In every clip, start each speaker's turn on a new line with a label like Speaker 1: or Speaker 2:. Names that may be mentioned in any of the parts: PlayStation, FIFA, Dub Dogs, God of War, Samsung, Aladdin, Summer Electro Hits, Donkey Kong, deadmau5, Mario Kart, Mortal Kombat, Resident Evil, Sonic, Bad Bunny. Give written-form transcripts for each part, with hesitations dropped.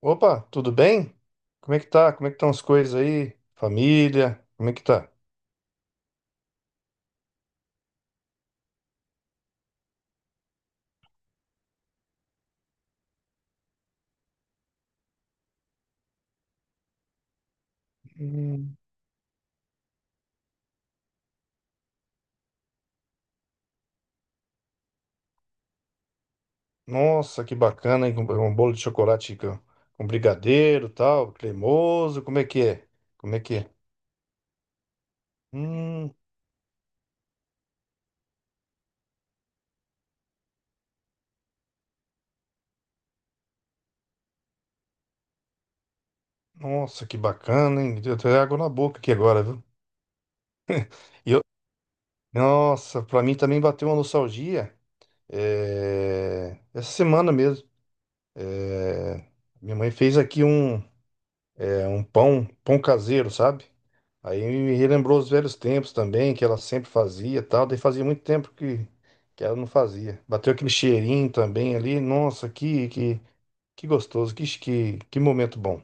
Speaker 1: Opa, tudo bem? Como é que tá? Como é que estão as coisas aí? Família, como é que tá? Hum. Nossa, que bacana, hein? Com Um bolo de chocolate com brigadeiro, tal, cremoso, como é que é? Como é que é? Hum, nossa, que bacana, hein? Deu até água na boca aqui agora, viu? E eu, nossa, pra mim também bateu uma nostalgia, essa semana mesmo. É, minha mãe fez aqui um é um pão caseiro, sabe? Aí me relembrou os velhos tempos também, que ela sempre fazia e tal. Daí fazia muito tempo que ela não fazia. Bateu aquele cheirinho também ali. Nossa, que gostoso, que momento bom.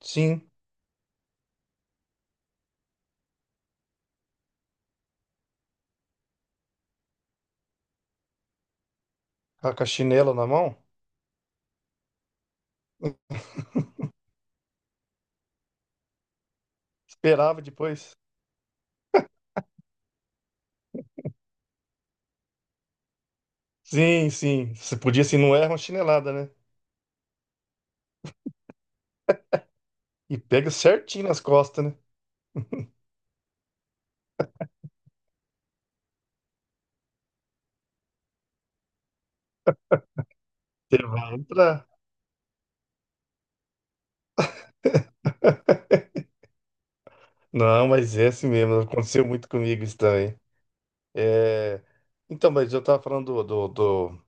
Speaker 1: Sim, a com a chinela na mão, esperava depois. Sim, sim. Você podia, assim, não erra uma chinelada, né? E pega certinho nas costas, né? Você vai entrar. Não, mas é assim mesmo. Aconteceu muito comigo isso também. É... Então, mas eu tava falando do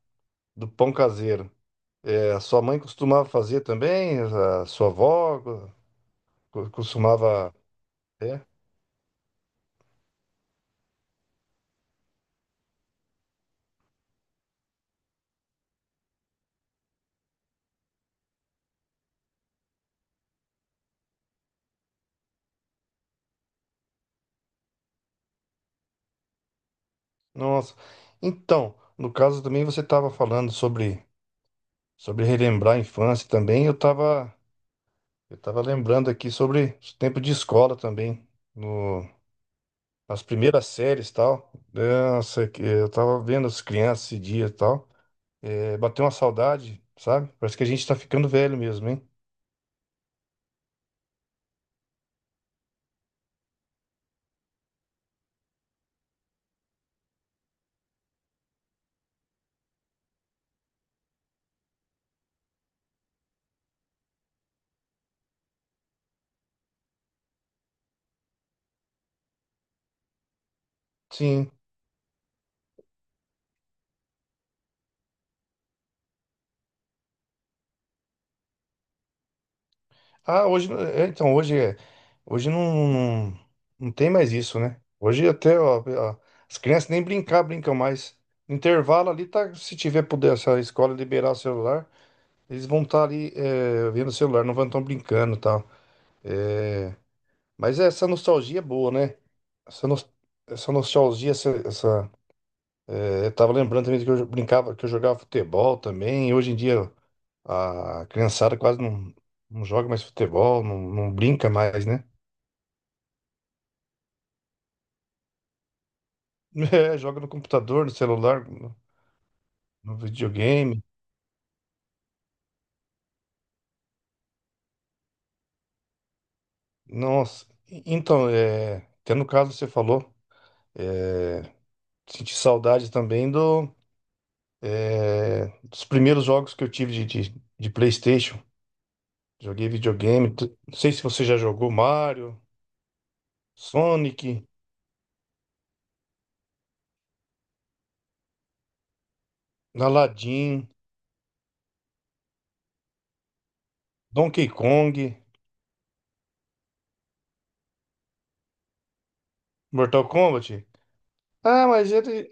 Speaker 1: do- pão caseiro. É, a sua mãe costumava fazer também, a sua avó costumava. É? Nossa. Então, no caso também você estava falando sobre relembrar a infância também. Eu estava lembrando aqui sobre o tempo de escola também, no, nas primeiras séries e tal. Nossa, que eu estava vendo as crianças esse dia e tal. É, bateu uma saudade, sabe? Parece que a gente está ficando velho mesmo, hein? Sim. Ah, hoje, é, então, hoje, é- hoje não, não, não tem mais isso, né? Hoje até, ó, as crianças nem brincar brincam mais. Intervalo ali, tá, se tiver puder, se a escola liberar o celular, eles vão estar ali vendo o celular, não vão estar brincando e tal. É, mas é, essa nostalgia é boa, né? Essa, nos- essa nostalgia, essa, é, eu tava lembrando também que eu brincava, que eu jogava futebol também, e hoje em dia a criançada quase não joga mais futebol, não brinca mais, né? É, joga no computador, no celular, no videogame. Nossa. Então, é, até no caso que você falou, é, senti saudade também dos primeiros jogos que eu tive de PlayStation. Joguei videogame. Não sei se você já jogou Mario, Sonic, Aladdin, Donkey Kong, Mortal Kombat. Ah, mas ele.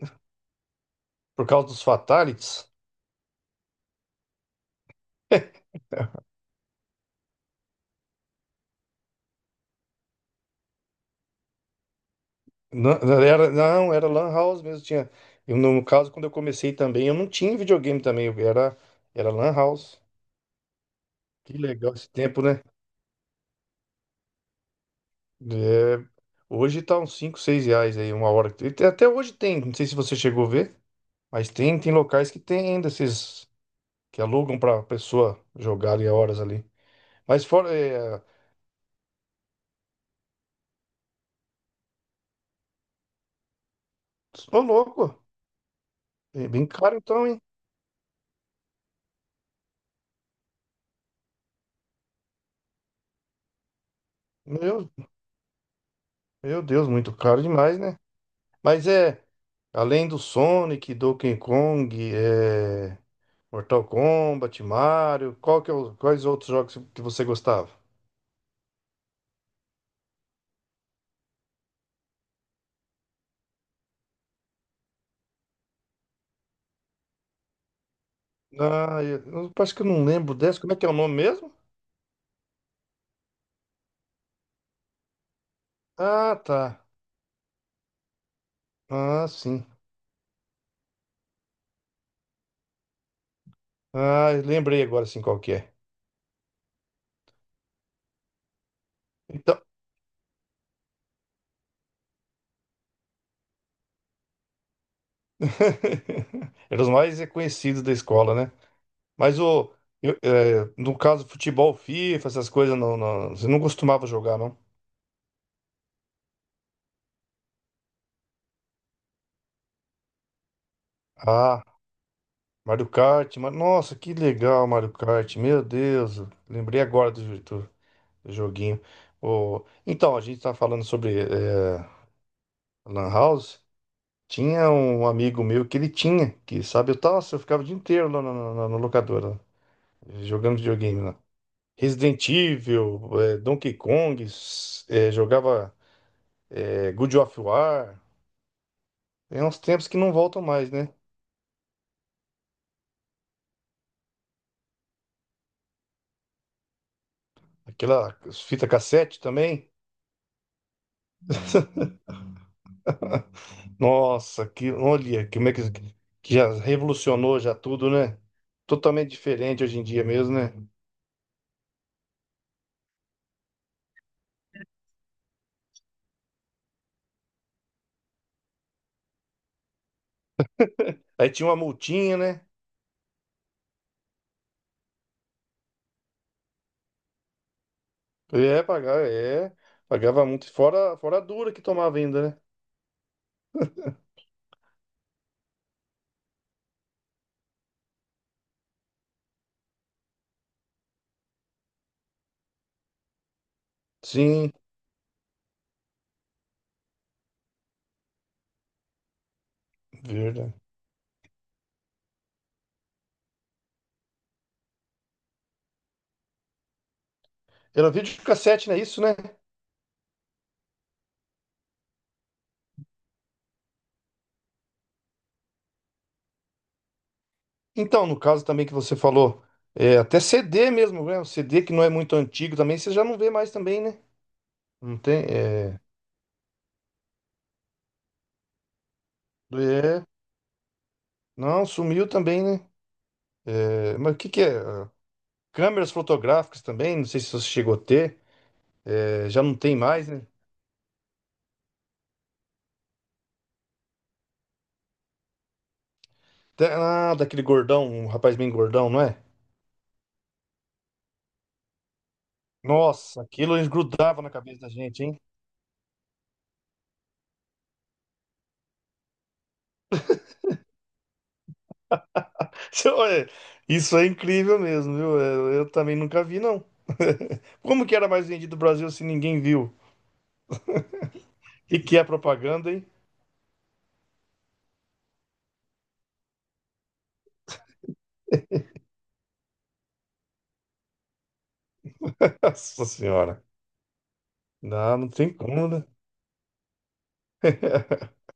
Speaker 1: Por causa dos Fatalities. Não, não, era Lan House mesmo. Tinha, eu, no caso, quando eu comecei também, eu não tinha videogame também. Era Lan House. Que legal esse tempo, né? É, hoje tá uns 5 6 reais aí, uma hora. Até hoje tem, não sei se você chegou a ver, mas tem, tem locais que tem ainda esses que alugam pra pessoa jogar ali horas ali. Mas fora, tô louco, é bem caro então, hein? Meu, meu Deus, muito caro demais, né? Mas é, além do Sonic, Donkey Kong, é, Mortal Kombat, Mario, qual que é o- quais outros jogos que você gostava? Ah, eu, eu acho que eu não lembro dessa. Como é que é o nome mesmo? Ah, tá. Ah, sim. Ah, eu lembrei agora sim qual que é. Então, eram os mais reconhecidos da escola, né? Mas o, é, no caso, futebol, FIFA, essas coisas, não, você não costumava jogar, não? Ah. Mario Kart, nossa, que legal, Mario Kart, meu Deus, lembrei agora do do joguinho. Ô, então, a gente tá falando sobre Lan House, tinha um amigo meu que ele tinha, que sabe, eu ficava o dia inteiro lá na na locadora, jogando videogame lá. Resident Evil, Donkey Kong, jogava God of War, tem uns tempos que não voltam mais, né? Aquela fita cassete também. Nossa, que olha, como é que já revolucionou já tudo, né? Totalmente diferente hoje em dia mesmo, né? Aí tinha uma multinha, né? É, pagar, é, pagava muito, fora a dura que tomava ainda, né? Sim, verdade. Era videocassete, não é isso, né? Então, no caso também que você falou, é, até CD mesmo, né? O CD que não é muito antigo também, você já não vê mais também, né? Não tem, é, é, não, sumiu também, né? É, mas o que que é? Câmeras fotográficas também, não sei se você chegou a ter. Já não tem mais, né? Ah, daquele gordão, um rapaz bem gordão, não é? Nossa, aquilo eles na cabeça da gente, hein? Olha, isso é incrível mesmo, viu? Eu também nunca vi, não. Como que era mais vendido no Brasil se ninguém viu? E que é propaganda, hein? Nossa senhora. Não, não tem como, né?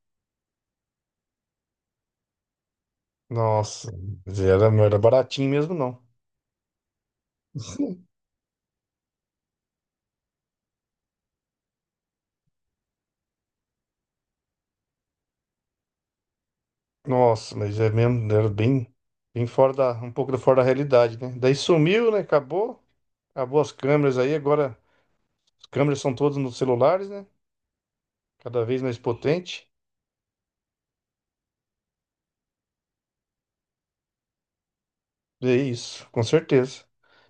Speaker 1: Nossa, mas era, não era baratinho mesmo, não. Nossa, mas é mesmo, era bem, bem fora da, fora da realidade, né? Daí sumiu, né? Acabou, acabou as câmeras aí, agora as câmeras são todas nos celulares, né? Cada vez mais potente. É isso, com certeza.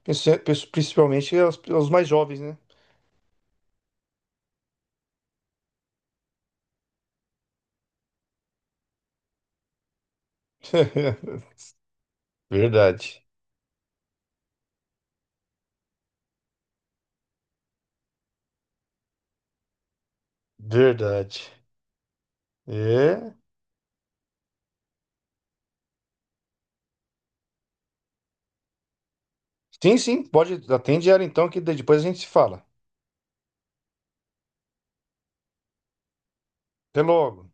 Speaker 1: Princi- Principalmente os mais jovens, né? Verdade, verdade. É. Sim, sim, pode, atende ela então, que daí depois a gente se fala. Até logo.